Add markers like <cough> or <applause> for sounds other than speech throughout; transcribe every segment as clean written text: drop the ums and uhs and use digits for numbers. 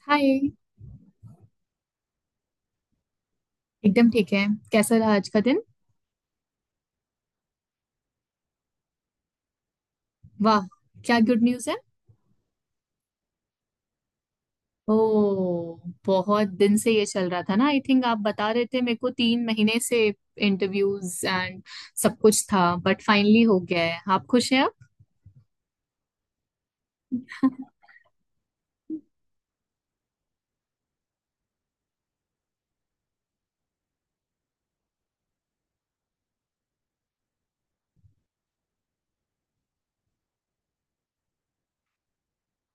हाय। एकदम ठीक है। कैसा रहा आज का दिन? वाह! क्या गुड न्यूज़ है? ओ, बहुत दिन से ये चल रहा था ना, आई थिंक आप बता रहे थे मेरे को 3 महीने से इंटरव्यूज एंड सब कुछ था, बट फाइनली हो गया है। आप खुश हैं अब?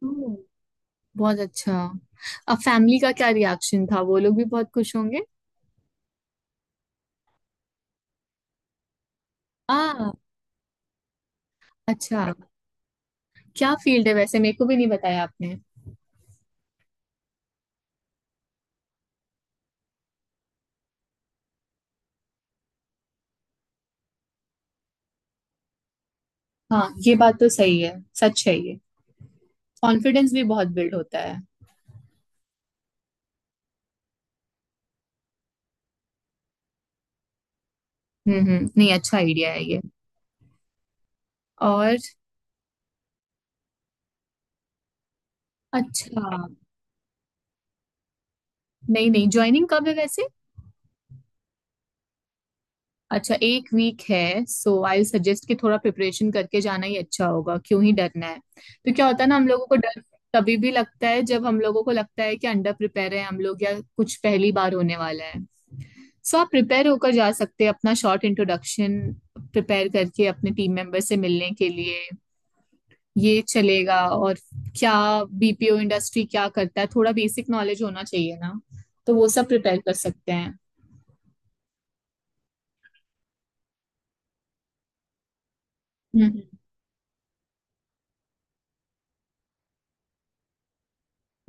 ओह, बहुत अच्छा। अब फैमिली का क्या रिएक्शन था? वो लोग भी बहुत खुश होंगे। आ, अच्छा। क्या फील्ड है वैसे? मेरे को भी नहीं बताया आपने। हाँ, ये बात तो सही है। सच है ये। कॉन्फिडेंस भी बहुत बिल्ड होता है। हम्म, नहीं, अच्छा आइडिया है ये। और, अच्छा, नहीं नहीं, ज्वाइनिंग कब है वैसे? अच्छा, एक वीक है। सो आई सजेस्ट कि थोड़ा प्रिपरेशन करके जाना ही अच्छा होगा। क्यों ही डरना है तो क्या होता है ना, हम लोगों को डर तभी भी लगता है जब हम लोगों को लगता है कि अंडर प्रिपेयर है हम लोग या कुछ पहली बार होने वाला है। सो आप प्रिपेयर होकर जा सकते हैं अपना शॉर्ट इंट्रोडक्शन प्रिपेयर करके, अपने टीम मेंबर से मिलने के लिए। ये चलेगा। और क्या, बीपीओ इंडस्ट्री क्या करता है, थोड़ा बेसिक नॉलेज होना चाहिए ना। तो वो सब प्रिपेयर कर सकते हैं। हम्म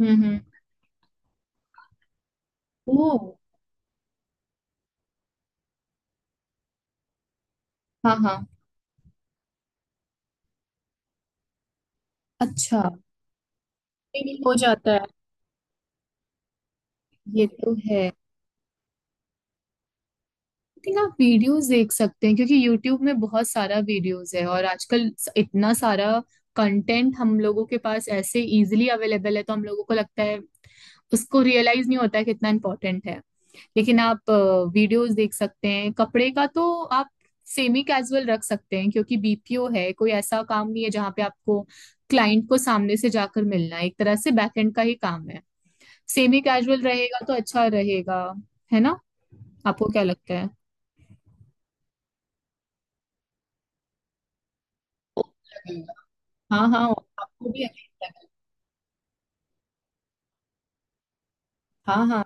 हम्म। ओ, हाँ हाँ, अच्छा, ये भी हो जाता है। ये तो है। आई थिंक आप वीडियोस देख सकते हैं क्योंकि यूट्यूब में बहुत सारा वीडियोस है, और आजकल इतना सारा कंटेंट हम लोगों के पास ऐसे इजीली अवेलेबल है तो हम लोगों को लगता है, उसको रियलाइज नहीं होता है कितना इम्पोर्टेंट है। लेकिन आप वीडियोस देख सकते हैं। कपड़े का तो आप सेमी कैजुअल रख सकते हैं क्योंकि बीपीओ है, कोई ऐसा काम नहीं है जहाँ पे आपको क्लाइंट को सामने से जाकर मिलना है, एक तरह से बैकएंड का ही काम है। सेमी कैजुअल रहेगा तो अच्छा रहेगा, है ना? आपको क्या लगता है? हाँ हाँ, आपको भी अच्छा लगेगा। हाँ हाँ,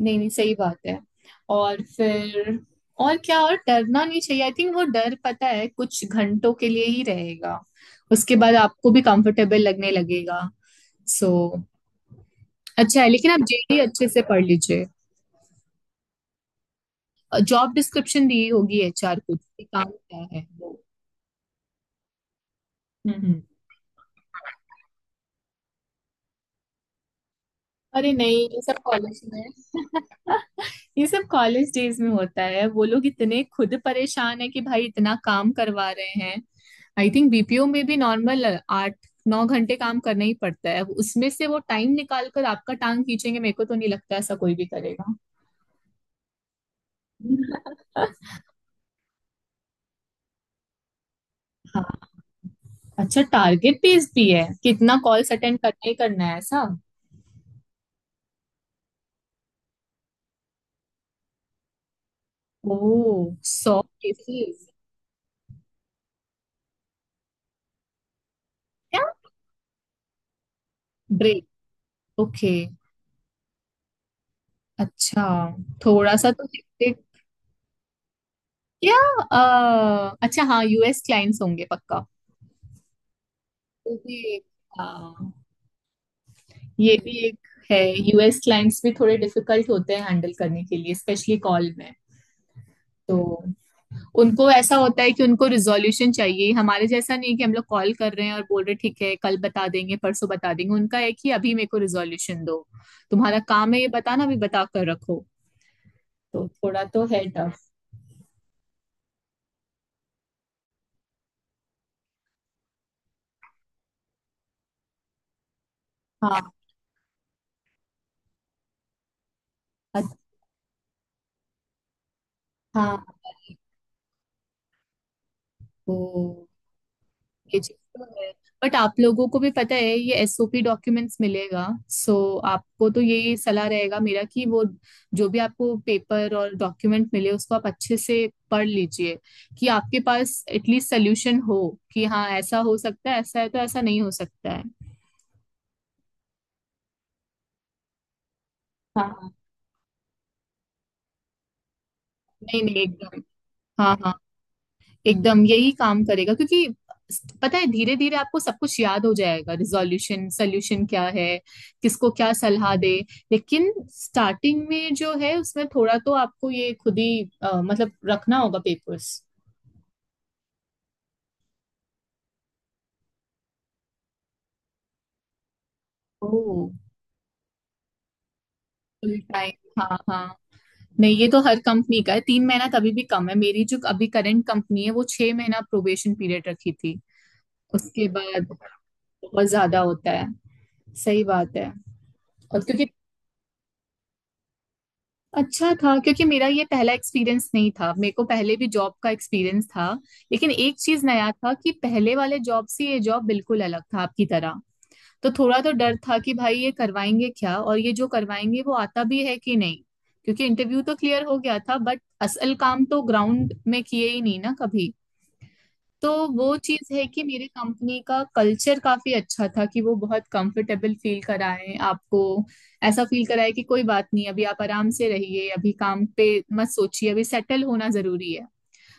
नहीं नहीं, सही बात है। और फिर, और क्या, और डरना नहीं चाहिए आई थिंक। वो डर पता है कुछ घंटों के लिए ही रहेगा, उसके बाद आपको भी कंफर्टेबल लगने लगेगा। सो अच्छा है, लेकिन आप जेडी अच्छे से पढ़ लीजिए। जॉब डिस्क्रिप्शन दी होगी एचआर को कि काम क्या है वो। हम्म हम्म। अरे नहीं, ये सब कॉलेज में <laughs> ये सब कॉलेज डेज में होता है। वो लोग इतने खुद परेशान है कि भाई इतना काम करवा रहे हैं। आई थिंक बीपीओ में भी नॉर्मल 8-9 घंटे काम करना ही पड़ता है, उसमें से वो टाइम निकाल कर आपका टांग खींचेंगे? मेरे को तो नहीं लगता ऐसा कोई भी करेगा। हाँ, अच्छा टारगेट बेस्ड भी है? कितना कॉल्स अटेंड करना ही करना है, ऐसा? ओह, 100 केसेस? क्या? ब्रेक? ओके, अच्छा। थोड़ा सा तो क्या? अच्छा, हाँ, यूएस क्लाइंट्स होंगे पक्का। ओके। ये भी एक है। यूएस क्लाइंट्स भी थोड़े डिफिकल्ट होते हैं हैंडल करने के लिए, स्पेशली कॉल में। तो उनको ऐसा होता है कि उनको रिजोल्यूशन चाहिए। हमारे जैसा नहीं कि हम लोग कॉल कर रहे हैं और बोल रहे ठीक है कल बता देंगे परसों बता देंगे। उनका है कि अभी मेरे को रिजोल्यूशन दो, तुम्हारा काम है ये बताना, अभी बता कर रखो। तो थोड़ा तो है टफ। हाँ, अ- हाँ, ओ, ये चीज तो है, बट आप लोगों को भी पता है, ये एसओपी डॉक्यूमेंट्स मिलेगा। सो आपको तो यही सलाह रहेगा मेरा कि वो जो भी आपको पेपर और डॉक्यूमेंट मिले उसको आप अच्छे से पढ़ लीजिए, कि आपके पास एटलीस्ट सोल्यूशन हो, कि हाँ ऐसा हो सकता है, ऐसा है तो ऐसा नहीं हो सकता है। हाँ हाँ, नहीं नहीं, एकदम, हाँ हाँ। हम्म, एकदम यही काम करेगा क्योंकि पता है धीरे धीरे आपको सब कुछ याद हो जाएगा, रिजोल्यूशन सोल्यूशन क्या है, किसको क्या सलाह दे। लेकिन स्टार्टिंग में जो है उसमें थोड़ा तो आपको ये खुद ही मतलब रखना होगा पेपर्स। ओ, फुल टाइम, हाँ हाँ। नहीं, ये तो हर कंपनी का है। 3 महीना तभी भी कम है। मेरी जो अभी करंट कंपनी है वो 6 महीना प्रोबेशन पीरियड रखी थी। उसके बाद बहुत ज्यादा होता है, सही बात है। और क्योंकि अच्छा था क्योंकि मेरा ये पहला एक्सपीरियंस नहीं था, मेरे को पहले भी जॉब का एक्सपीरियंस था। लेकिन एक चीज नया था कि पहले वाले जॉब से ये जॉब बिल्कुल अलग था, आपकी तरह। तो थोड़ा तो डर था कि भाई ये करवाएंगे क्या, और ये जो करवाएंगे वो आता भी है कि नहीं, क्योंकि इंटरव्यू तो क्लियर हो गया था बट असल काम तो ग्राउंड में किए ही नहीं ना कभी। तो वो चीज़ है कि मेरे कंपनी का कल्चर काफी अच्छा था, कि वो बहुत कंफर्टेबल फील कराएं आपको। ऐसा फील कराए कि कोई बात नहीं, अभी आप आराम से रहिए, अभी काम पे मत सोचिए, अभी सेटल होना जरूरी है।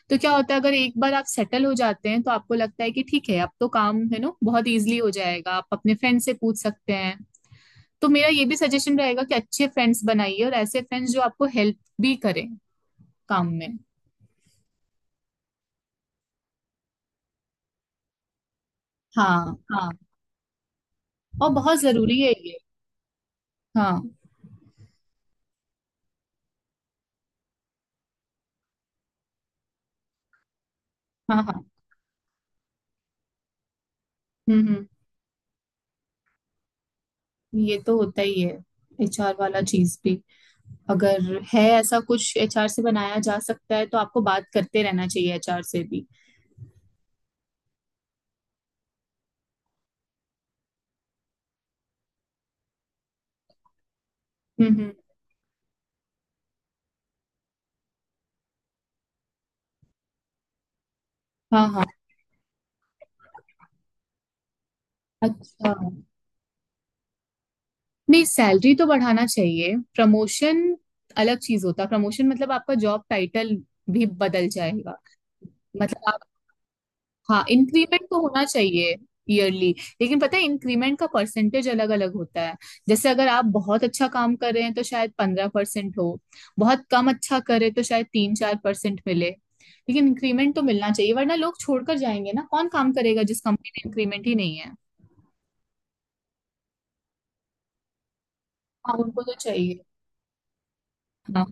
तो क्या होता है, अगर एक बार आप सेटल हो जाते हैं तो आपको लगता है कि ठीक है, अब तो काम है ना, बहुत इजीली हो जाएगा, आप अपने फ्रेंड से पूछ सकते हैं। तो मेरा ये भी सजेशन रहेगा कि अच्छे फ्रेंड्स बनाइए, और ऐसे फ्रेंड्स जो आपको हेल्प भी करें काम में। हाँ हाँ, और बहुत जरूरी है ये। हाँ हाँ हाँ, हम्म, ये तो होता ही है। एचआर वाला चीज भी, अगर है ऐसा कुछ एचआर से बनाया जा सकता है तो आपको बात करते रहना चाहिए एचआर से भी। हम्म हम्म, हाँ हाँ, अच्छा, नहीं सैलरी तो बढ़ाना चाहिए। प्रमोशन अलग चीज होता है, प्रमोशन मतलब आपका जॉब टाइटल भी बदल जाएगा। मतलब, हाँ इंक्रीमेंट तो होना चाहिए ईयरली। लेकिन पता है इंक्रीमेंट का परसेंटेज अलग अलग होता है। जैसे अगर आप बहुत अच्छा काम कर रहे हैं तो शायद 15% हो, बहुत कम अच्छा करे तो शायद 3-4% मिले, लेकिन इंक्रीमेंट तो मिलना चाहिए वरना लोग छोड़कर जाएंगे ना, कौन काम करेगा जिस कंपनी में इंक्रीमेंट ही नहीं है। हाँ, उनको तो चाहिए। हाँ,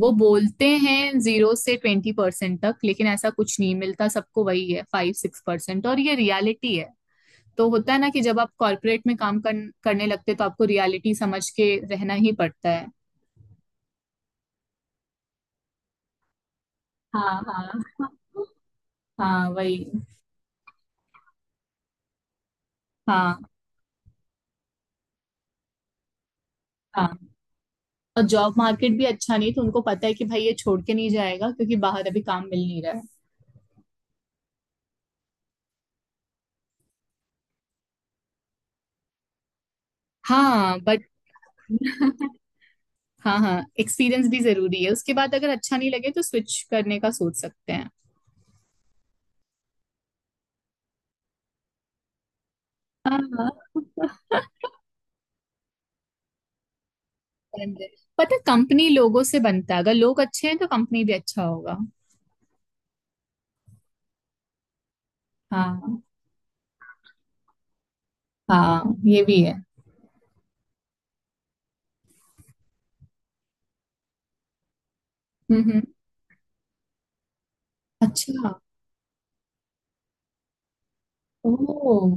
वो बोलते हैं 0 से 20% तक लेकिन ऐसा कुछ नहीं मिलता सबको, वही है 5-6%, और ये रियलिटी है। तो होता है ना कि जब आप कॉर्पोरेट में करने लगते हो, तो आपको रियलिटी समझ के रहना ही पड़ता है। हाँ हाँ, हाँ वही, हाँ हाँ, और जॉब मार्केट भी अच्छा नहीं, तो उनको पता है कि भाई ये छोड़ के नहीं जाएगा क्योंकि बाहर अभी काम मिल नहीं रहा है। हाँ बट <laughs> हाँ हाँ, एक्सपीरियंस भी जरूरी है। उसके बाद अगर अच्छा नहीं लगे तो स्विच करने का सोच सकते हैं। हाँ, समझे? <laughs> पता, कंपनी लोगों से बनता है, अगर लोग अच्छे हैं तो कंपनी भी अच्छा होगा। हाँ हाँ, ये भी है। हम्म, हम्म। अच्छा, ओह,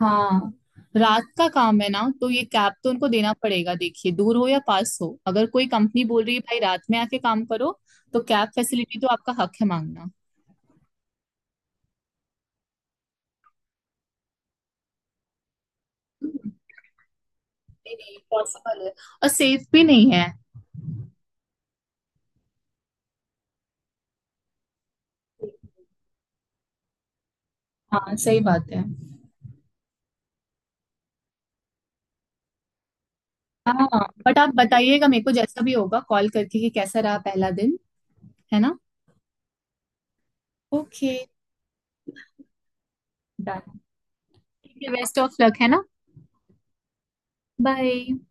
हाँ, रात का काम है ना तो ये कैब तो उनको देना पड़ेगा। देखिए दूर हो या पास हो, अगर कोई कंपनी बोल रही है भाई रात में आके काम करो, तो कैब फैसिलिटी तो आपका हक है मांगना। नहीं नहीं, पॉसिबल है। और सेफ भी नहीं है। हाँ, सही बात है। हाँ, बट आप बताइएगा मेरे को जैसा भी होगा, कॉल करके कि कैसा रहा पहला दिन, है ना? Okay, done. ठीक है, बेस्ट ऑफ लक, है ना? बाय।